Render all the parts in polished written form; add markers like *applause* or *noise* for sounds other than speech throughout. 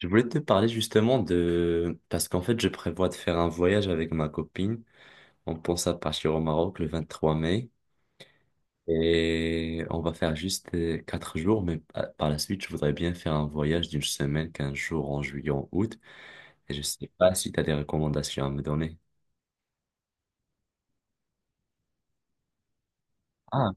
Je voulais te parler justement. Parce qu'en fait, je prévois de faire un voyage avec ma copine. On pense à partir au Maroc le 23 mai. Et on va faire juste 4 jours, mais par la suite, je voudrais bien faire un voyage d'une semaine, 15 jours en juillet, en août. Et je sais pas si tu as des recommandations à me donner. Ah,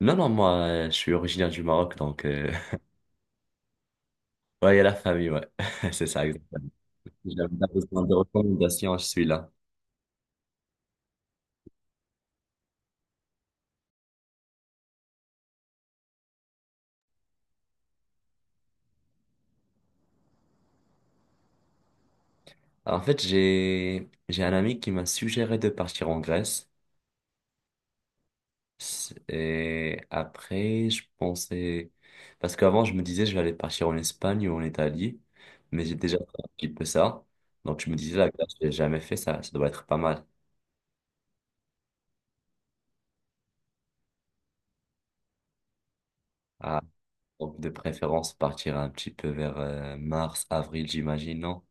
non, non, moi, je suis originaire du Maroc, donc. *laughs* Ouais, il y a la famille, ouais. *laughs* C'est ça, exactement. J'avais pas besoin de recommandations, je suis là. En fait, j'ai un ami qui m'a suggéré de partir en Grèce. Et après, je pensais. Parce qu'avant, je me disais, je vais aller partir en Espagne ou en Italie, mais j'ai déjà fait un petit peu ça. Donc, je me disais, la glace, j'ai jamais fait ça, ça doit être pas mal. Ah, donc, de préférence, partir un petit peu vers mars, avril, j'imagine, non?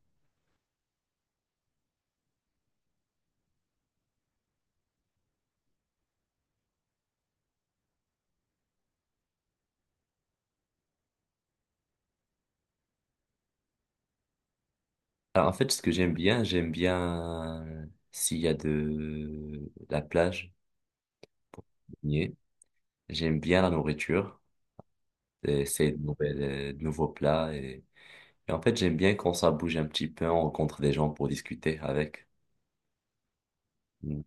Alors, en fait, ce que j'aime bien, s'il y a de la plage, baigner. J'aime bien la nourriture, essayer de nouveaux plats. Et en fait, j'aime bien quand ça bouge un petit peu, on rencontre des gens pour discuter avec. Mm.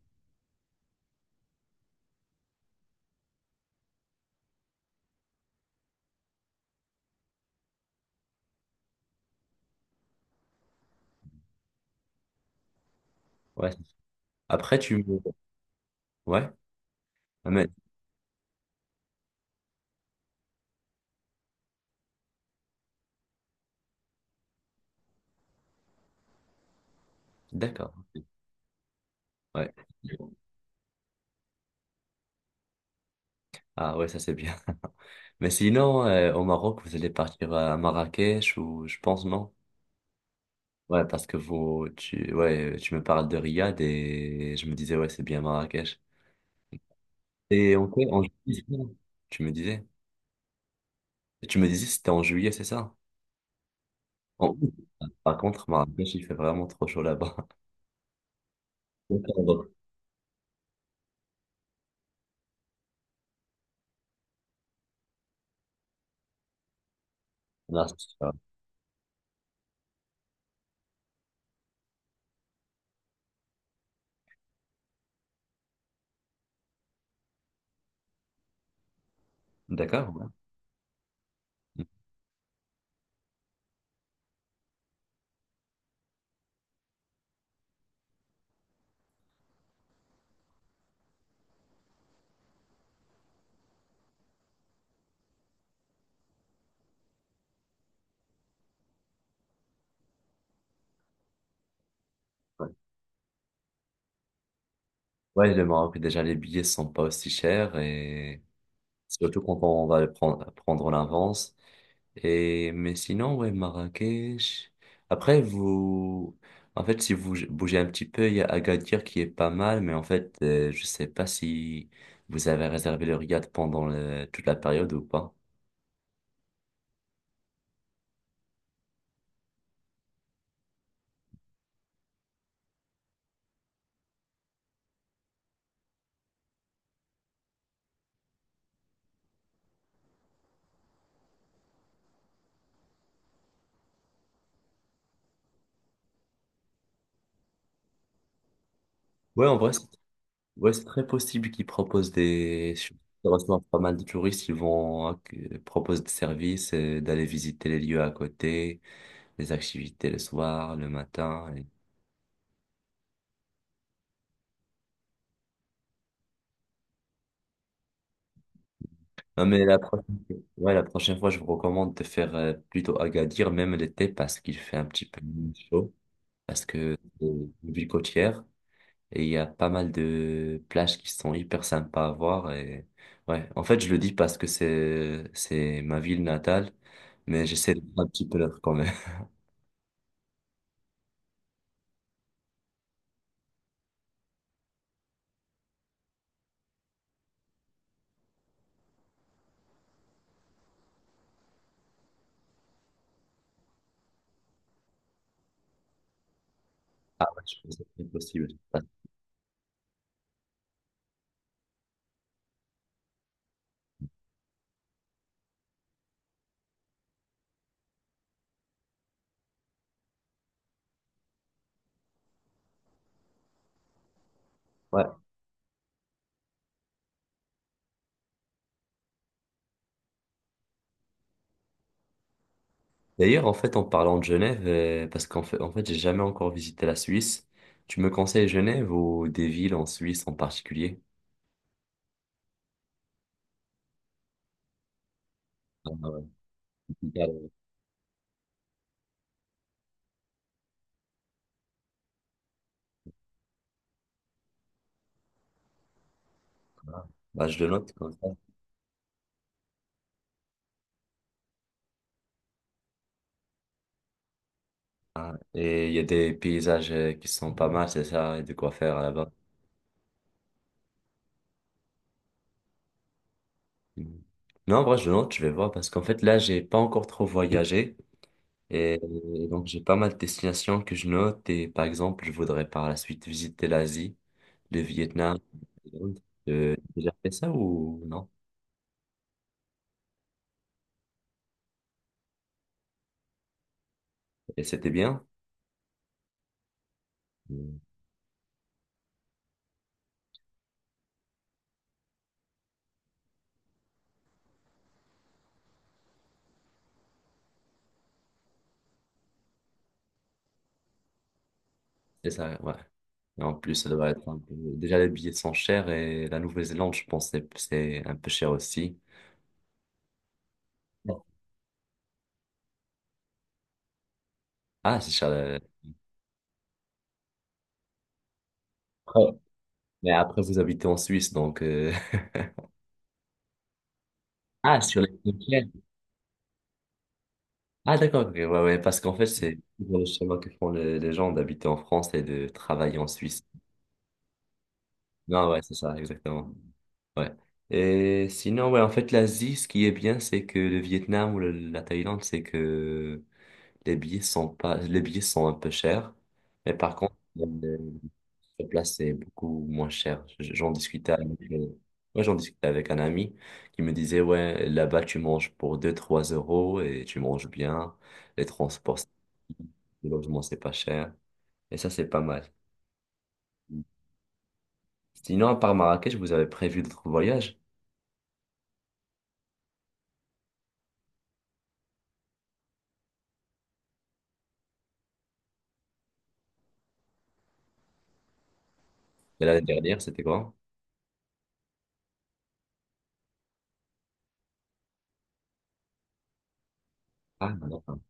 Ouais. Après, tu me. Ouais. Ah, mais. D'accord. Ouais. Ah ouais, ça c'est bien. *laughs* Mais sinon, au Maroc, vous allez partir à Marrakech ou je pense non? Ouais, parce que ouais, tu me parles de Riyad et je me disais, ouais, c'est bien Marrakech. Et ok, en juillet, c'est ça tu me disais. Tu me disais c'était en juillet, c'est ça? En août. Par contre, Marrakech, il fait vraiment trop chaud là-bas. *laughs* D'accord, donc, là. D'accord, ouais. Ouais, ouais, le Maroc, déjà, les billets sont pas aussi chers et surtout quand on va le prendre l'avance. Et, mais sinon, ouais, Marrakech. Après, vous, en fait, si vous bougez un petit peu, il y a Agadir qui est pas mal, mais en fait, je sais pas si vous avez réservé le riad pendant toute la période ou pas. Ouais, en vrai, ouais, c'est très possible qu'ils proposent. Ils reçoivent pas mal de touristes, ils vont hein, proposent des services, d'aller visiter les lieux à côté, les activités le soir, le matin. Non, mais la prochaine. Ouais, la prochaine fois, je vous recommande de faire plutôt Agadir, même l'été, parce qu'il fait un petit peu chaud, parce que c'est une ville côtière, et il y a pas mal de plages qui sont hyper sympas à voir. Ouais, en fait, je le dis parce que c'est ma ville natale, mais j'essaie de faire un petit peu l'autre quand même. Ah ouais, je pense que c'est possible. Ah, ouais. D'ailleurs, en fait, en parlant de Genève, parce qu'en fait, j'ai jamais encore visité la Suisse. Tu me conseilles Genève ou des villes en Suisse en particulier? Ah ouais. Bah, bah, je le note comme ça. Ah, et il y a des paysages qui sont pas mal, c'est ça, et de quoi faire là-bas. Mhm. Non, en vrai, je le note, je vais voir, parce qu'en fait, là, j'ai pas encore trop voyagé. Et donc, j'ai pas mal de destinations que je note. Et par exemple, je voudrais par la suite visiter l'Asie. Le Vietnam, la Thaïlande. T'as déjà fait ça ou non? Et c'était bien? Mm. C'est ça, ouais. Et en plus, ça doit être un peu... Déjà, les billets sont chers et la Nouvelle-Zélande, je pense, c'est un peu cher aussi. Non. Ah, c'est cher. Après- Mais après, vous habitez en Suisse, donc. *laughs* Ah, sur les frontières. Ah, d'accord, ok, ouais, ouais, parce qu'en fait, c'est toujours le schéma que font les gens d'habiter en France et de travailler en Suisse. Non, ouais, c'est ça, exactement. Ouais. Et sinon, ouais, en fait, l'Asie, ce qui est bien, c'est que le Vietnam ou la Thaïlande, c'est que les billets sont pas, les billets sont un peu chers. Mais par contre, sur place, c'est beaucoup moins cher. J'en discutais avec, ouais, j'en discutais avec un ami qui me disait, ouais, là-bas, tu manges pour deux trois euros et tu manges bien. Les transports, le logement, c'est pas cher. Et ça, c'est pas mal. Sinon, à part Marrakech, vous avez prévu d'autres voyages? Et l'année dernière, c'était quoi? Ah, d'accord.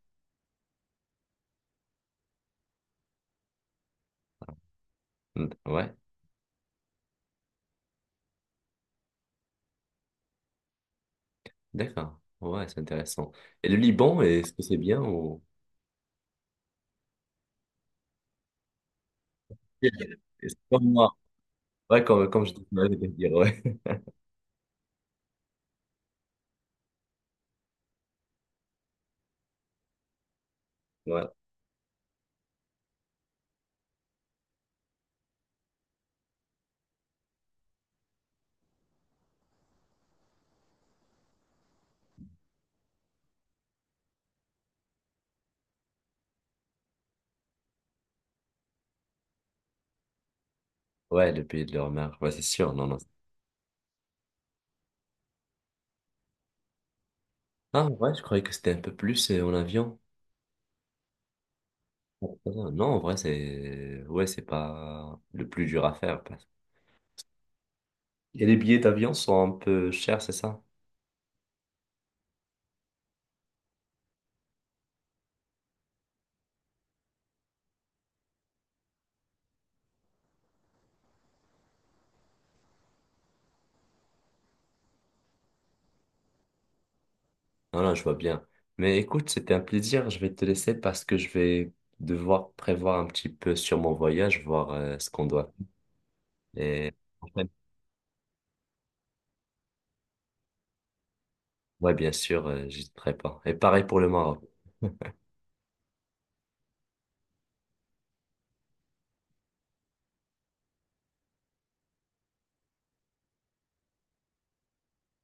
Mm, ouais, d'accord. Ouais, c'est intéressant. Et le Liban, est-ce que c'est bien ou. Yeah. C'est comme moi. Ouais, comme je disais, je vais dire, ouais. *laughs* Ouais, ouais, le pays de leur mère. Ouais, c'est sûr. Non, non. Ah, ouais, je croyais que c'était un peu plus en avion. Ah, non, en vrai. Ouais, c'est pas le plus dur à faire. Et les billets d'avion sont un peu chers, c'est ça? Non, non, je vois bien. Mais écoute, c'était un plaisir. Je vais te laisser parce que je vais devoir prévoir un petit peu sur mon voyage, voir ce qu'on doit. Et ouais, bien sûr, j'hésiterai pas. Et pareil pour le Maroc.